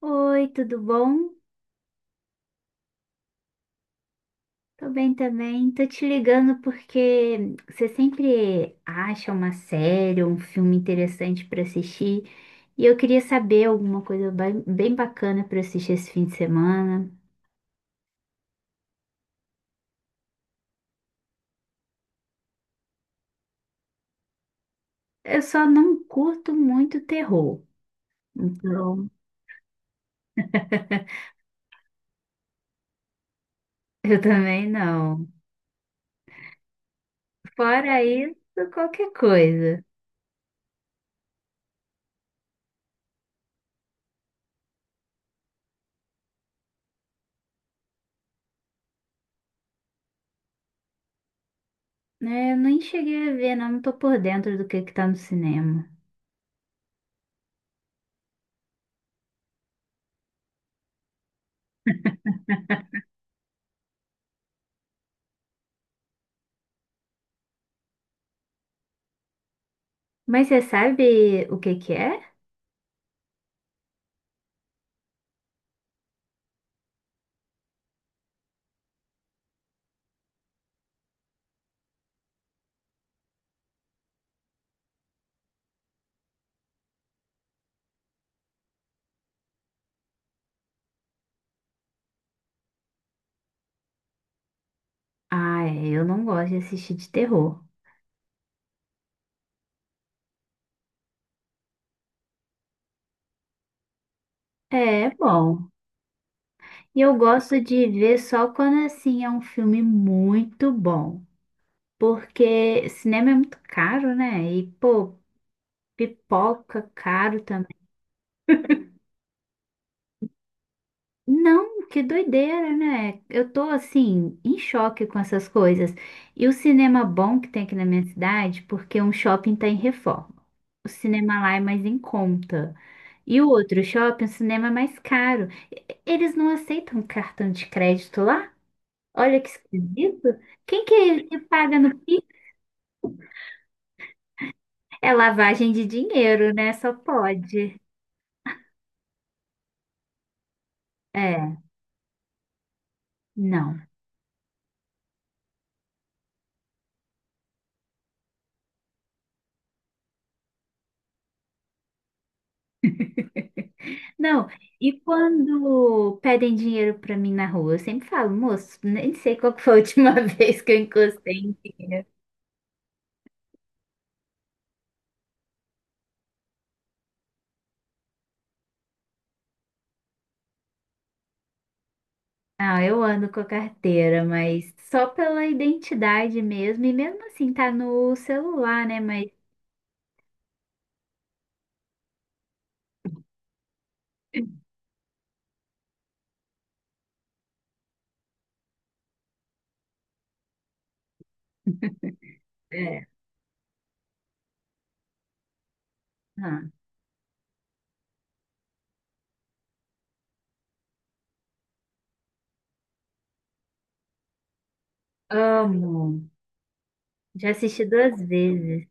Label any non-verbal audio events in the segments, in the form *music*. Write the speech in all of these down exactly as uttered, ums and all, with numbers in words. Oi, tudo bom? Tô bem também. Tô te ligando porque você sempre acha uma série ou um filme interessante pra assistir e eu queria saber alguma coisa bem, bem bacana pra assistir esse fim de semana. Eu só não curto muito terror, então *laughs* eu também não. Fora isso, qualquer coisa. É, eu nem cheguei a ver, não, não tô por dentro do que que tá no cinema. Mas você sabe o que que é? Ah, é, eu não gosto de assistir de terror. É, é bom. E eu gosto de ver só quando assim é um filme muito bom. Porque cinema é muito caro, né? E, pô, pipoca caro também. Não, que doideira, né? Eu tô assim, em choque com essas coisas. E o cinema bom que tem aqui na minha cidade, porque um shopping tá em reforma. O cinema lá é mais em conta. E o outro shopping, o cinema é mais caro. Eles não aceitam cartão de crédito lá? Olha que esquisito. Quem que, que paga no Pix? É lavagem de dinheiro, né? Só pode. É, não. Não, e quando pedem dinheiro pra mim na rua, eu sempre falo, moço, nem sei qual que foi a última *laughs* vez que eu encostei em dinheiro. Ah, eu ando com a carteira, mas só pela identidade mesmo. E mesmo assim, tá no celular, né? Mas. É, ah, amo. Já assisti duas vezes.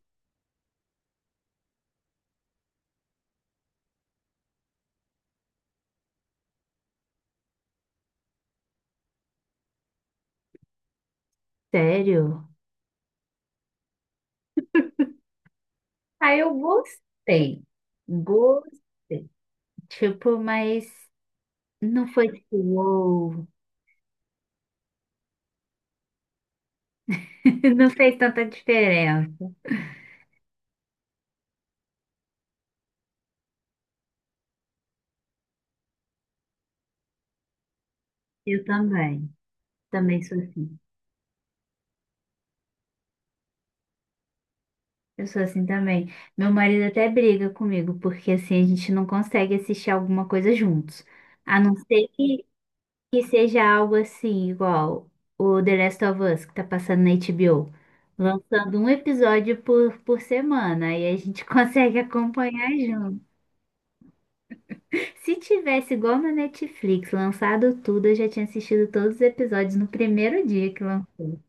Sério? Aí eu gostei. Gostei. Tipo, mas não foi tipo, uou. *laughs* Não fez tanta diferença. Eu também. Também sou assim. Eu sou assim também. Meu marido até briga comigo, porque assim a gente não consegue assistir alguma coisa juntos. A não ser que, que seja algo assim, igual o The Last of Us, que tá passando na H B O. Lançando um episódio por, por semana. E a gente *laughs* consegue acompanhar. Se tivesse igual na Netflix, lançado tudo, eu já tinha assistido todos os episódios no primeiro dia que lançou.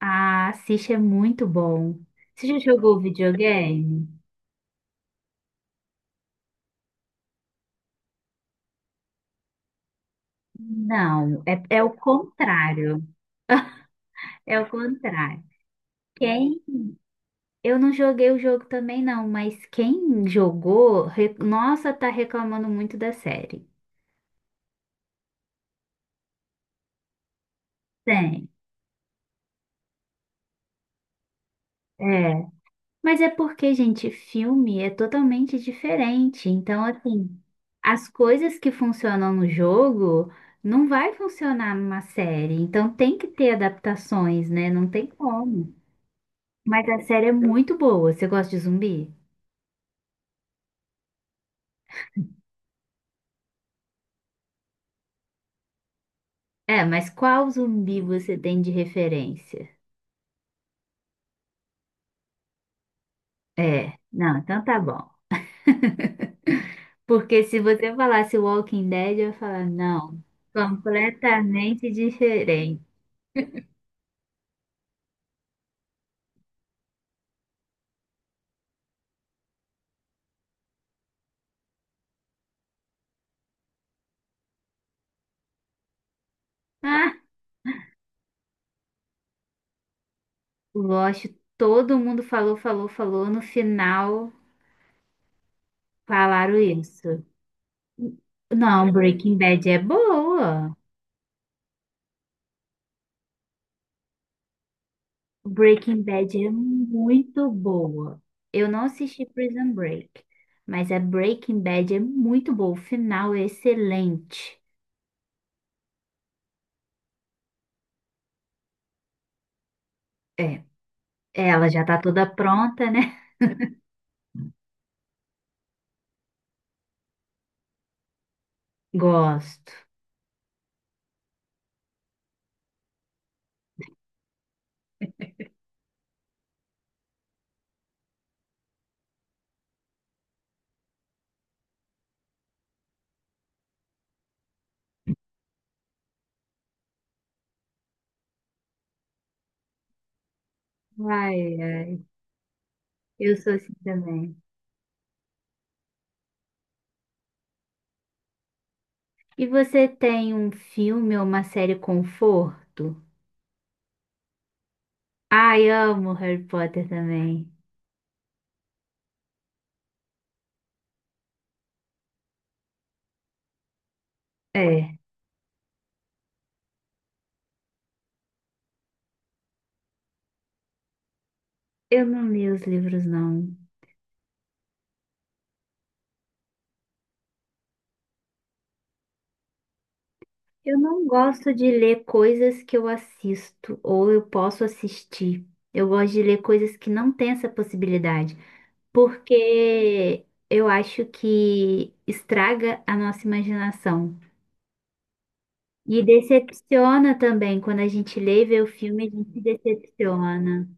Ah, assiste, é muito bom. Você já jogou videogame? Não, é, é o contrário. É o contrário. Quem? Eu não joguei o jogo também, não, mas quem jogou, re- nossa, tá reclamando muito da série. Tem. É. Mas é porque, gente, filme é totalmente diferente. Então, assim, as coisas que funcionam no jogo não vai funcionar numa série. Então, tem que ter adaptações, né? Não tem como. Mas a série é muito boa. Você gosta de zumbi? É, mas qual zumbi você tem de referência? É, não, então tá bom. *laughs* Porque se você falasse Walking Dead, eu ia falar, não, completamente diferente. *laughs* O Lost, todo mundo falou, falou, falou. No final, falaram isso. Não, Breaking Bad é boa. Breaking Bad é muito boa. Eu não assisti Prison Break, mas a Breaking Bad é muito boa. O final é excelente. É, ela já tá toda pronta, né? *laughs* Gosto. Ai, ai, eu sou assim também. E você tem um filme ou uma série conforto? Ai, amo Harry Potter também. É, eu não li os livros, não. Eu não gosto de ler coisas que eu assisto ou eu posso assistir. Eu gosto de ler coisas que não têm essa possibilidade, porque eu acho que estraga a nossa imaginação. E decepciona também, quando a gente lê e vê o filme, a gente se decepciona.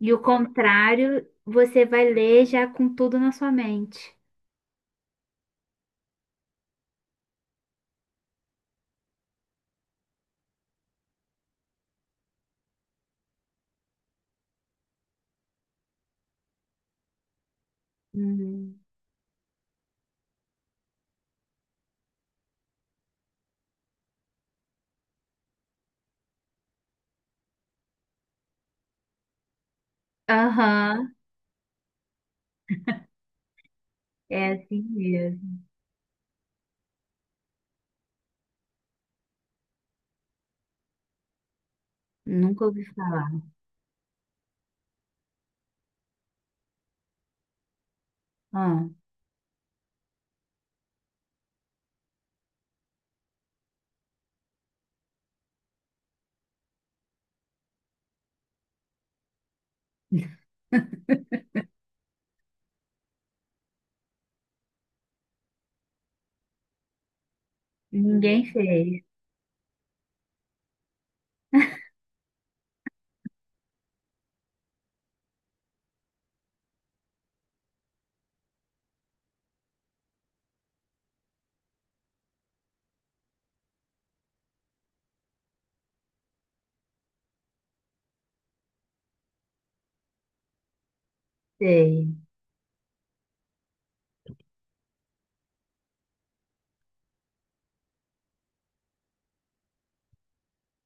E o contrário, você vai ler já com tudo na sua mente. Uhum. Aham, é assim mesmo. Nunca ouvi falar. Ah, ninguém fez, sei.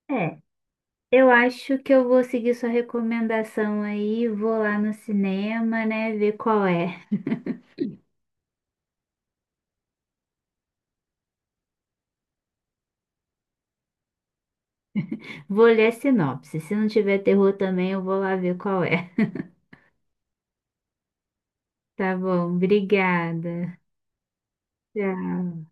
É, eu acho que eu vou seguir sua recomendação aí, vou lá no cinema, né, ver qual é. Vou ler a sinopse. Se não tiver terror também, eu vou lá ver qual é. Tá bom, obrigada. Tchau.